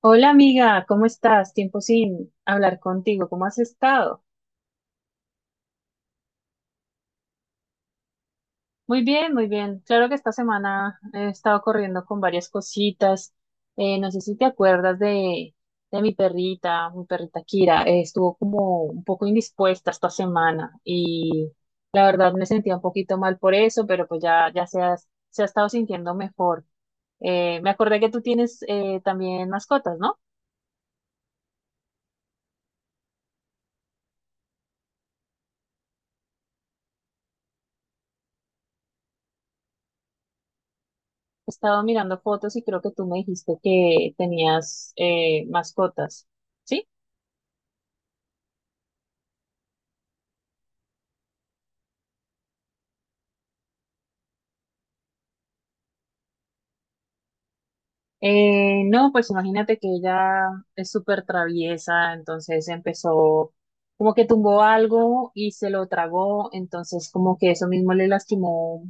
Hola amiga, ¿cómo estás? Tiempo sin hablar contigo, ¿cómo has estado? Muy bien, muy bien. Claro que esta semana he estado corriendo con varias cositas. No sé si te acuerdas de mi perrita Kira. Estuvo como un poco indispuesta esta semana y la verdad me sentía un poquito mal por eso, pero pues ya se ha estado sintiendo mejor. Me acordé que tú tienes también mascotas, ¿no? Estaba mirando fotos y creo que tú me dijiste que tenías mascotas, ¿sí? No, pues imagínate que ella es súper traviesa, entonces empezó como que tumbó algo y se lo tragó, entonces como que eso mismo le lastimó.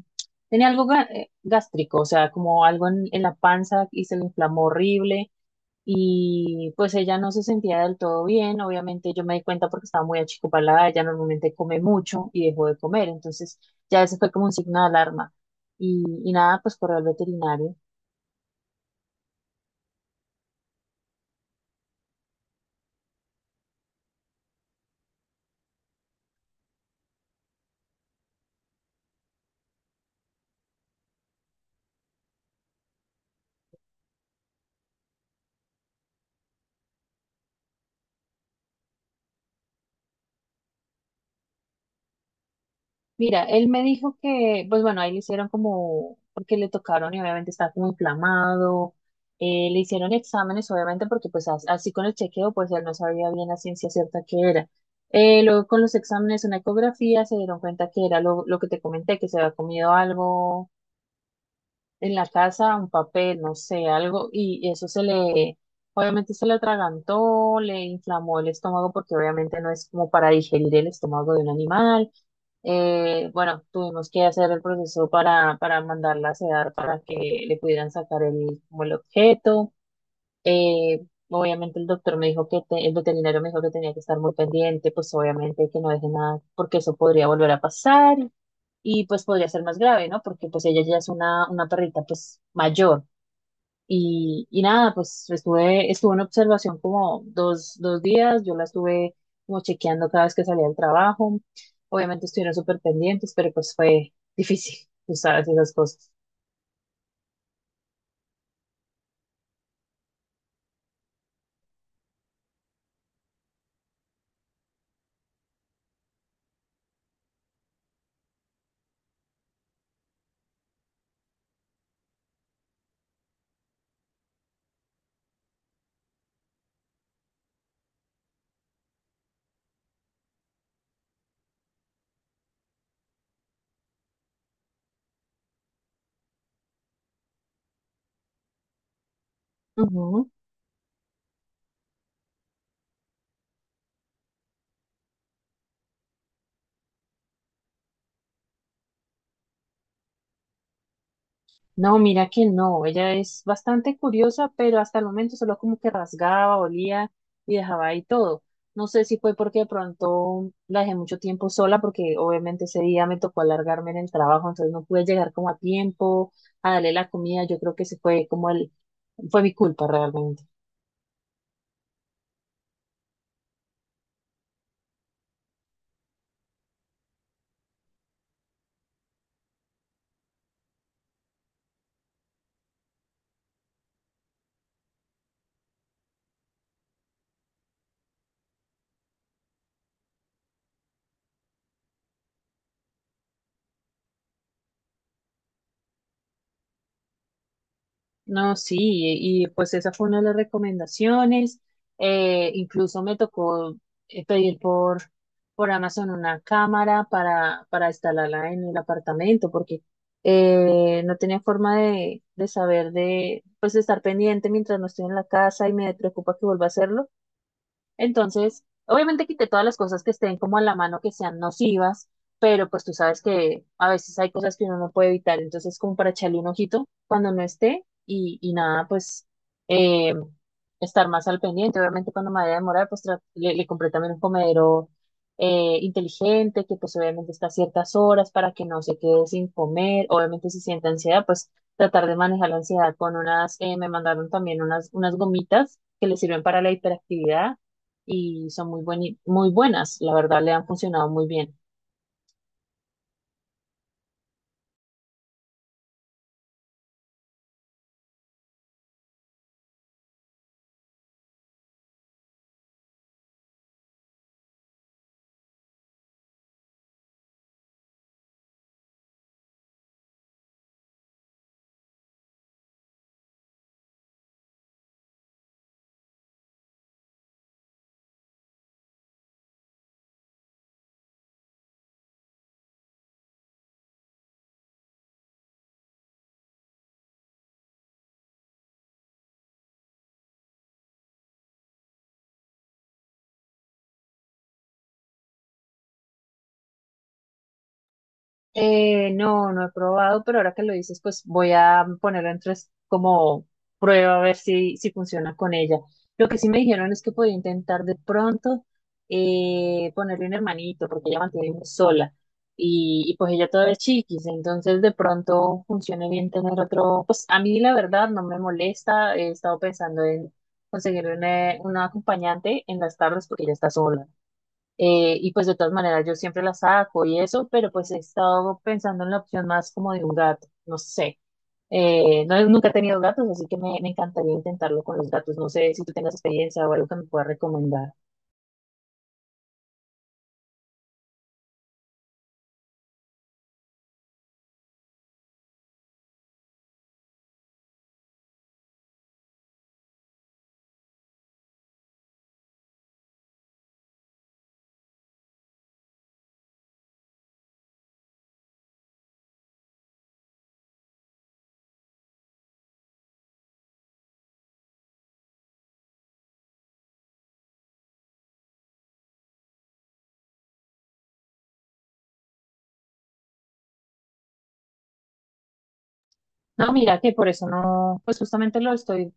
Tenía algo gástrico, o sea, como algo en la panza y se le inflamó horrible. Y pues ella no se sentía del todo bien, obviamente yo me di cuenta porque estaba muy achicopalada, ella normalmente come mucho y dejó de comer, entonces ya ese fue como un signo de alarma. Y nada, pues corrió al veterinario. Mira, él me dijo que, pues bueno, ahí le hicieron como, porque le tocaron y obviamente estaba como inflamado, le hicieron exámenes obviamente porque pues así con el chequeo pues él no sabía bien la ciencia cierta que era. Luego con los exámenes, una ecografía, se dieron cuenta que era lo que te comenté, que se había comido algo en la casa un papel, no sé, algo, y obviamente se le atragantó, le inflamó el estómago porque obviamente no es como para digerir el estómago de un animal. Bueno, tuvimos que hacer el proceso para mandarla a sedar para que le pudieran sacar como el objeto. Eh, Obviamente el veterinario me dijo que tenía que estar muy pendiente, pues obviamente que no deje nada, porque eso podría volver a pasar y pues podría ser más grave, ¿no? Porque pues ella ya es una perrita pues mayor. Y nada, pues estuve en observación como dos días, yo la estuve como chequeando cada vez que salía del trabajo, obviamente estuvieron súper pendientes, pero pues fue difícil, tú sabes, esas cosas. Ujú. No, mira que no, ella es bastante curiosa, pero hasta el momento solo como que rasgaba, olía y dejaba ahí todo. No sé si fue porque de pronto la dejé mucho tiempo sola, porque obviamente ese día me tocó alargarme en el trabajo, entonces no pude llegar como a tiempo a darle la comida. Yo creo que ese fue mi culpa realmente. No, sí, y, pues esa fue una de las recomendaciones. Incluso me tocó pedir por Amazon una cámara para instalarla en el apartamento, porque no tenía forma de saber pues de estar pendiente mientras no estoy en la casa y me preocupa que vuelva a hacerlo. Entonces, obviamente quité todas las cosas que estén como a la mano, que sean nocivas, pero pues tú sabes que a veces hay cosas que uno no puede evitar, entonces como para echarle un ojito cuando no esté y nada, pues eh, estar más al pendiente. Obviamente cuando me vaya a demorar, pues le compré también un comedero inteligente, que pues obviamente está a ciertas horas para que no se quede sin comer. Obviamente si siente ansiedad, pues tratar de manejar la ansiedad con me mandaron también unas gomitas que le sirven para la hiperactividad y son muy buenas, la verdad le han funcionado muy bien. No, no he probado, pero ahora que lo dices, pues voy a ponerlo en tres como prueba a ver si funciona con ella. Lo que sí me dijeron es que podía intentar de pronto ponerle un hermanito, porque ella mantiene muy sola y pues ella todavía es chiquis, entonces de pronto funcione bien tener otro, pues a mí la verdad no me molesta, he estado pensando en conseguir una acompañante en las tardes porque ella está sola. Y pues de todas maneras yo siempre la saco y eso, pero pues he estado pensando en la opción más como de un gato, no sé. No, nunca he tenido gatos, así que me encantaría intentarlo con los gatos. No sé si tú tengas experiencia o algo que me puedas recomendar. No, mira que por eso no, pues justamente lo estoy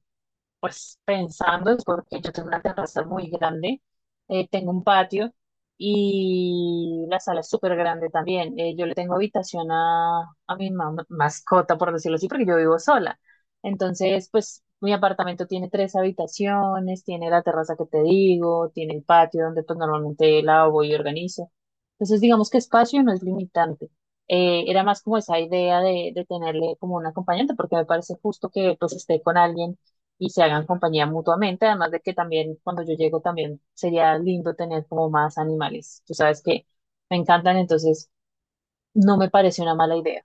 Pues pensando es porque yo tengo una terraza muy grande, tengo un patio y la sala es súper grande también. Yo le tengo habitación a mi mascota, por decirlo así, porque yo vivo sola. Entonces, pues mi apartamento tiene tres habitaciones, tiene la terraza que te digo, tiene el patio donde pues normalmente lavo y organizo. Entonces, digamos que espacio no es limitante. Era más como esa idea de tenerle como un acompañante, porque me parece justo que pues esté con alguien y se hagan compañía mutuamente, además de que también cuando yo llego también sería lindo tener como más animales. Tú sabes que me encantan, entonces no me parece una mala idea.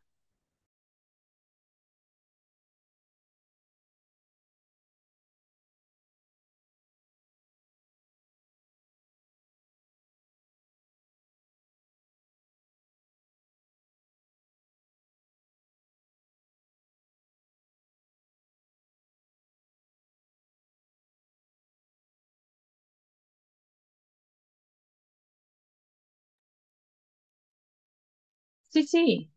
Sí, sí,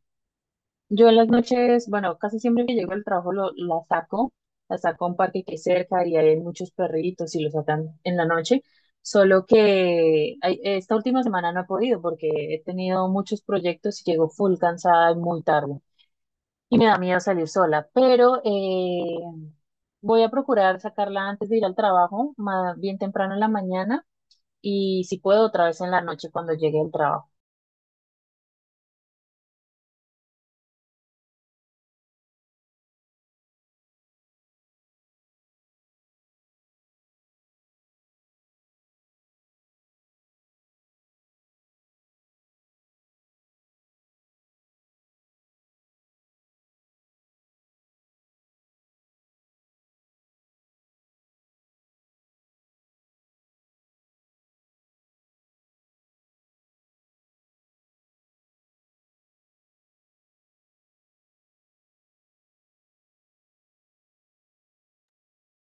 yo en las noches, bueno, casi siempre que llego al trabajo la saco a un parque que hay cerca y hay muchos perritos y los sacan en la noche. Solo que ay, esta última semana no he podido porque he tenido muchos proyectos y llego full cansada y muy tarde. Y me da miedo salir sola, pero voy a procurar sacarla antes de ir al trabajo, más bien temprano en la mañana y si puedo otra vez en la noche cuando llegue al trabajo.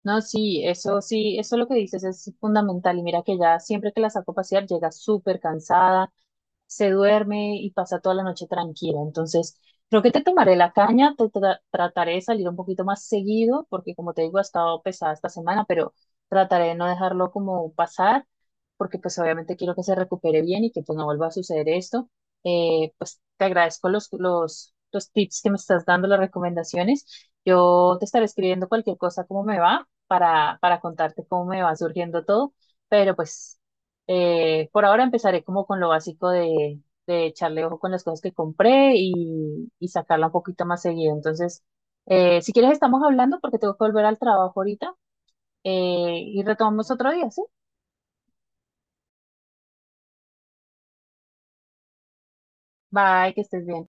No, sí, eso lo que dices es fundamental y mira que ya siempre que la saco a pasear llega súper cansada, se duerme y pasa toda la noche tranquila. Entonces, creo que te tomaré la caña, trataré de salir un poquito más seguido, porque como te digo, ha estado pesada esta semana, pero trataré de no dejarlo como pasar, porque pues obviamente quiero que se recupere bien y que pues no vuelva a suceder esto. Pues te agradezco los tips que me estás dando, las recomendaciones. Yo te estaré escribiendo cualquier cosa, cómo me va, para contarte cómo me va surgiendo todo, pero pues... Por ahora empezaré como con lo básico de echarle ojo con las cosas que compré y sacarla un poquito más seguido. Entonces, si quieres, estamos hablando porque tengo que volver al trabajo ahorita y retomamos otro día, ¿sí? Bye, que estés bien.